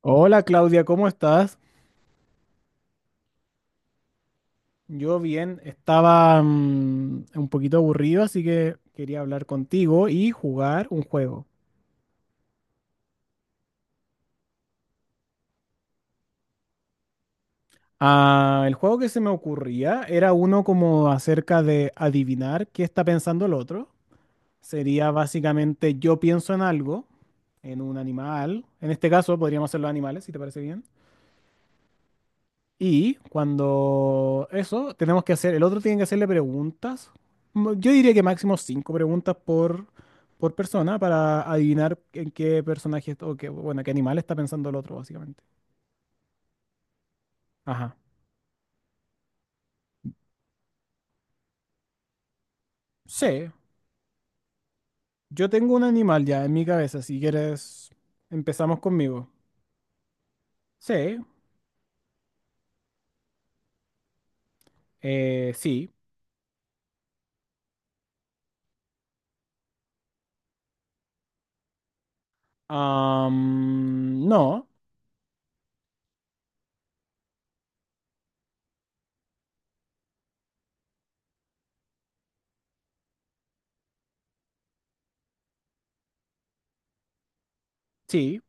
Hola Claudia, ¿cómo estás? Yo bien, estaba un poquito aburrido, así que quería hablar contigo y jugar un juego. Ah, el juego que se me ocurría era uno como acerca de adivinar qué está pensando el otro. Sería básicamente yo pienso en algo, en un animal. En este caso podríamos hacerlo animales, si te parece bien. Y cuando eso, tenemos que hacer, el otro tiene que hacerle preguntas. Yo diría que máximo cinco preguntas por persona para adivinar en qué personaje est- o qué, bueno, qué animal está pensando el otro, básicamente. Ajá. Sí, yo tengo un animal ya en mi cabeza, si quieres, empezamos conmigo. Sí, sí. No, sí.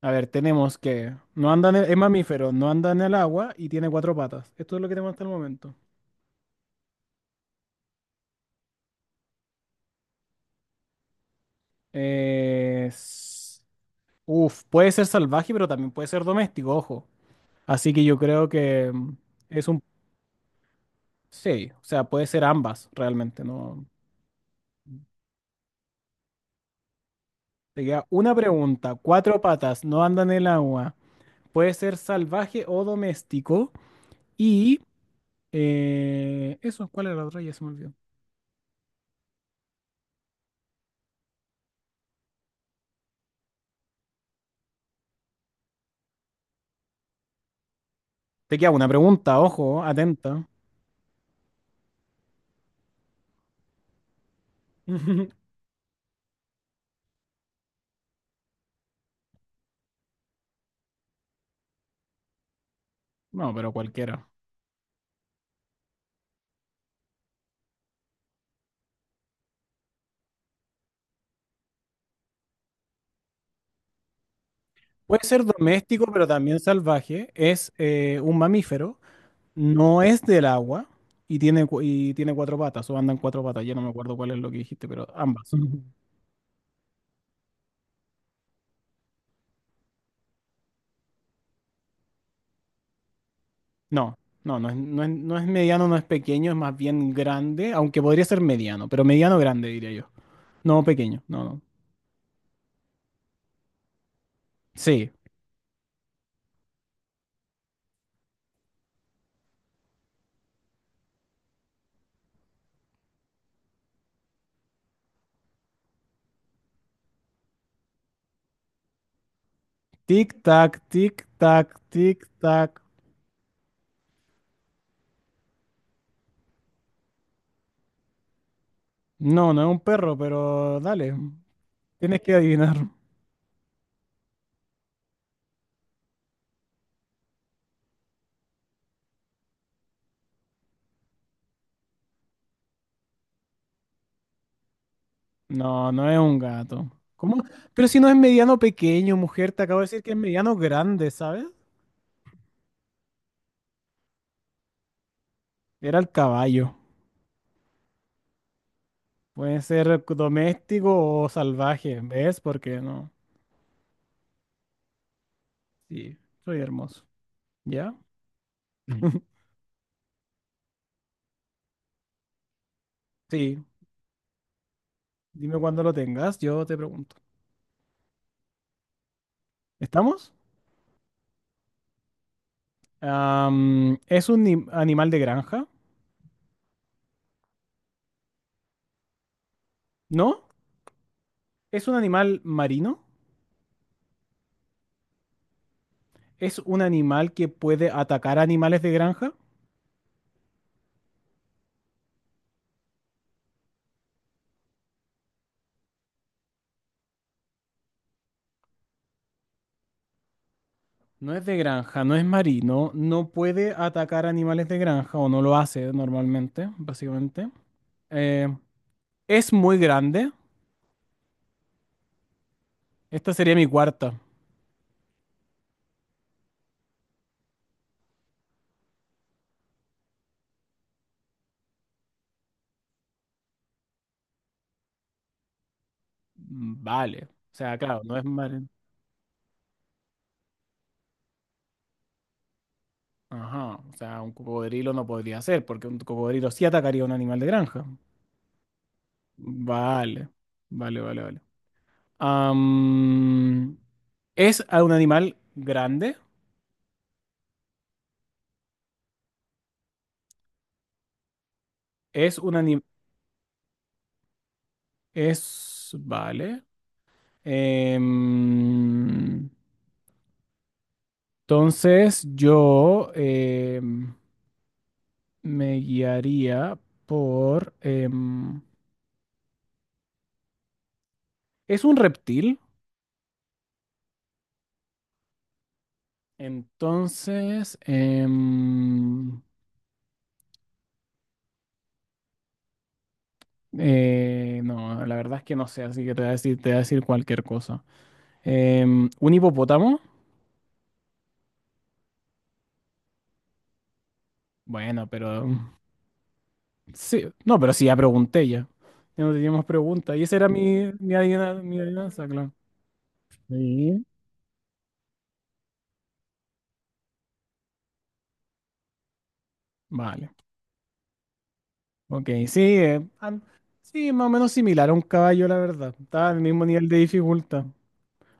A ver, tenemos que no anda en el- es mamífero, no anda en el agua y tiene cuatro patas. Esto es lo que tenemos hasta el momento. Eh, Puede ser salvaje, pero también puede ser doméstico, ojo. Así que yo creo que es un... Sí, o sea, puede ser ambas, realmente, ¿no? Te queda una pregunta. Cuatro patas, no andan en el agua. Puede ser salvaje o doméstico. Y... eso, ¿cuál era la otra? Ya se me olvidó. Te queda una pregunta, ojo, atenta. No, pero cualquiera. Puede ser doméstico, pero también salvaje. Es un mamífero. No es del agua y y tiene cuatro patas, o andan cuatro patas, ya no me acuerdo cuál es lo que dijiste, pero ambas. Ujú. No, no es, no es, no es mediano, no es pequeño, es más bien grande, aunque podría ser mediano, pero mediano grande diría yo. No pequeño, no, no. Sí. Tic tac, tic tac, tic tac. No, no es un perro, pero dale, tienes que adivinar. No, no es un gato. ¿Cómo? Pero si no es mediano pequeño, mujer, te acabo de decir que es mediano grande, ¿sabes? Era el caballo. Puede ser doméstico o salvaje, ¿ves? Porque no. Sí, soy hermoso. ¿Ya? Sí, dime cuando lo tengas, yo te pregunto. ¿Estamos? Am, ¿es un animal de granja? ¿No? ¿Es un animal marino? ¿Es un animal que puede atacar animales de granja? No es de granja, no es marino, no puede atacar animales de granja o no lo hace normalmente, básicamente. Eh, ¿Es muy grande? Esta sería mi cuarta. Vale. O sea, claro, no es mar... Ajá. O sea, un cocodrilo no podría ser, porque un cocodrilo sí atacaría a un animal de granja. Vale. Vale, vale, vale. Am, ¿es a un animal grande? Es un animal... Es... Vale. Em, entonces yo me guiaría por... ¿es un reptil? Entonces... eh, no, la verdad es que no sé, así que te voy a decir, te voy a decir cualquier cosa. Em, ¿un hipopótamo? Bueno, pero... sí, no, pero sí, ya pregunté ya. Ya no teníamos pregunta. Y esa era mi mi adivinanza, claro. Sí. Vale. Ok, sí, sí, más o menos similar a un caballo, la verdad. Está al mismo nivel de dificultad.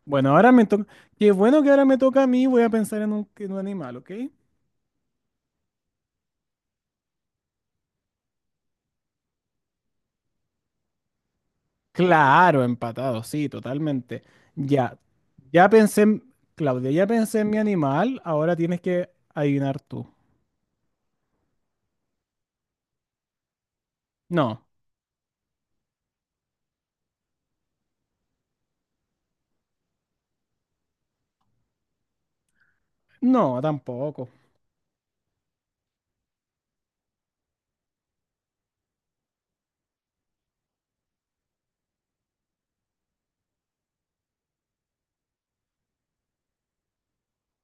Bueno, ahora me toca... Qué bueno que ahora me toca a mí, voy a pensar en un animal, ¿ok? Claro, empatado, sí, totalmente. Ya, ya pensé, Claudia, ya pensé en mi animal, ahora tienes que adivinar tú. No, no, tampoco.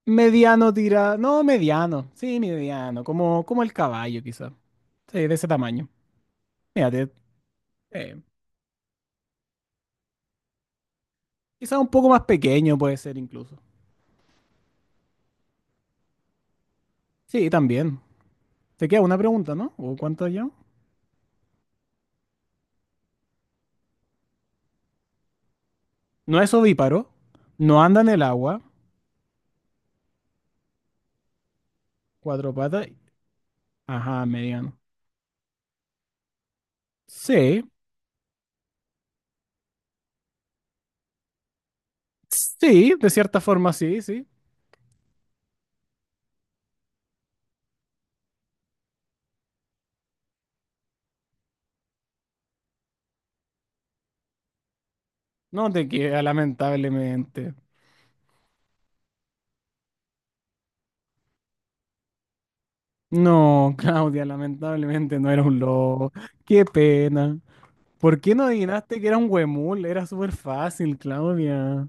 Mediano tira, no, mediano, sí, mediano, como, como el caballo quizá, sí, de ese tamaño. Fíjate, eh, quizá un poco más pequeño puede ser incluso. Sí, también. Te queda una pregunta, ¿no? ¿O cuánto ya? No es ovíparo, no anda en el agua, cuatro patas, ajá, mediano. Sí, sí, de cierta forma sí, sí. No te queda, lamentablemente. No, Claudia, lamentablemente no era un lobo. Qué pena. ¿Por qué no adivinaste que era un huemul? Era súper fácil, Claudia.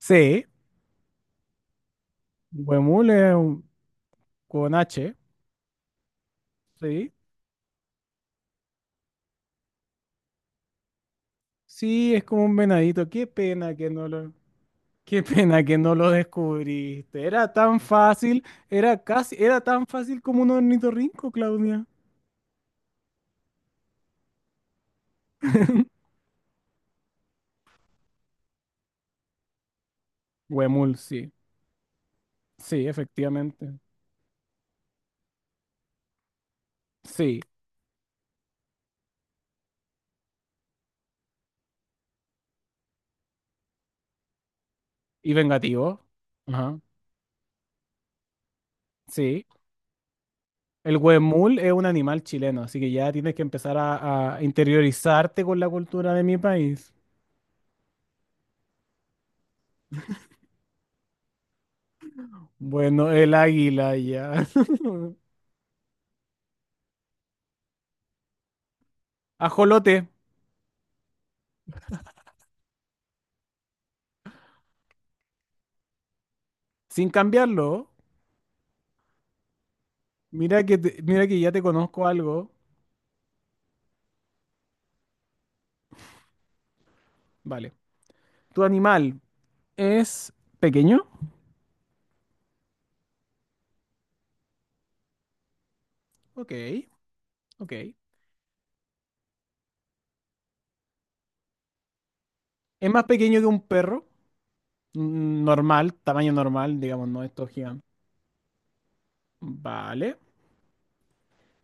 Sí, huemul es un- con H, sí. Sí, es como un venadito. Qué pena que no qué pena que no lo descubriste. Era tan fácil, era casi, era tan fácil como un ornitorrinco, Claudia. Huemul, sí. Sí, efectivamente. Sí, y vengativo. Ajá. Sí. El huemul es un animal chileno, así que ya tienes que empezar a interiorizarte con la cultura de mi país. Bueno, el águila ya. Ajolote, sin cambiarlo. Mira que mira que ya te conozco algo. Vale. ¿Tu animal es pequeño? Ok, ok. ¿Es más pequeño que un perro? Normal, tamaño normal, digamos, no estos gigantes. Vale.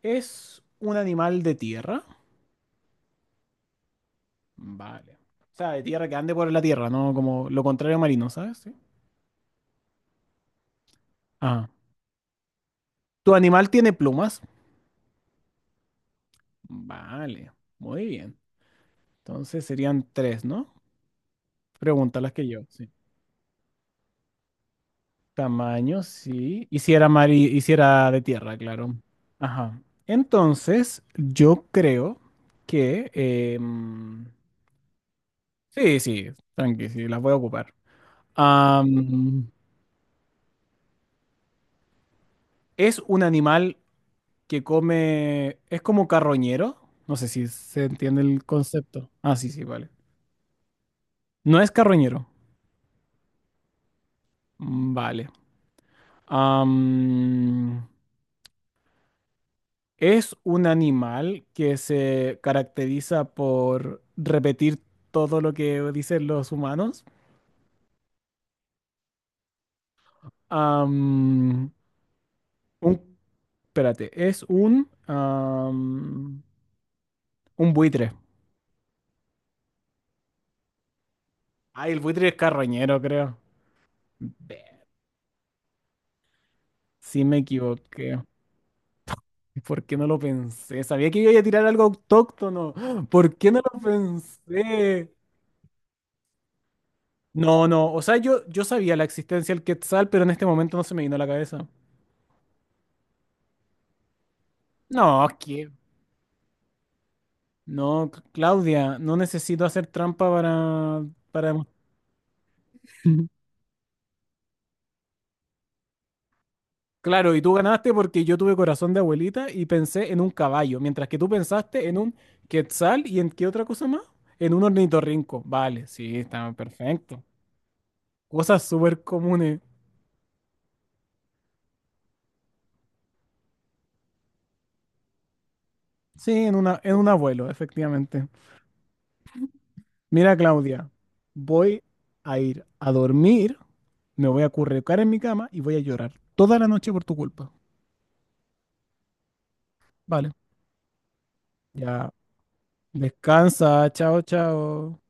¿Es un animal de tierra? Vale. O sea, de tierra que ande por la tierra, ¿no? Como lo contrario a marino, ¿sabes? Sí. Ah. ¿Tu animal tiene plumas? Vale. Muy bien. Entonces serían tres, ¿no? Pregunta las que yo, sí. Tamaño, sí. Y si era mari y si era de tierra, claro. Ajá. Entonces, yo creo que... sí, sí, tranqui, sí, las voy a ocupar. Am, ¿es un animal que come, es como carroñero. No sé si se entiende el concepto. Ah, sí, sí, vale. No es carroñero. Vale. Am, es un animal que se caracteriza por repetir todo lo que dicen los humanos. Am, un, espérate, es un, un buitre. Ay, el buitre es carroñero, creo. Ve, sí me equivoqué. ¿Por qué no lo pensé? Sabía que iba a tirar algo autóctono. ¿Por qué no lo pensé? No, no. O sea, yo sabía la existencia del Quetzal, pero en este momento no se me vino a la cabeza. No, que No, Claudia, no necesito hacer trampa para... Claro, y tú ganaste porque yo tuve corazón de abuelita y pensé en un caballo, mientras que tú pensaste en un Quetzal y en qué otra cosa más. En un ornitorrinco. Vale, sí, está perfecto. Cosas súper comunes. Sí, en una, en un abuelo, efectivamente. Mira, Claudia, voy a ir a dormir, me voy a acurrucar en mi cama y voy a llorar toda la noche por tu culpa. Vale, ya descansa, chao, chao.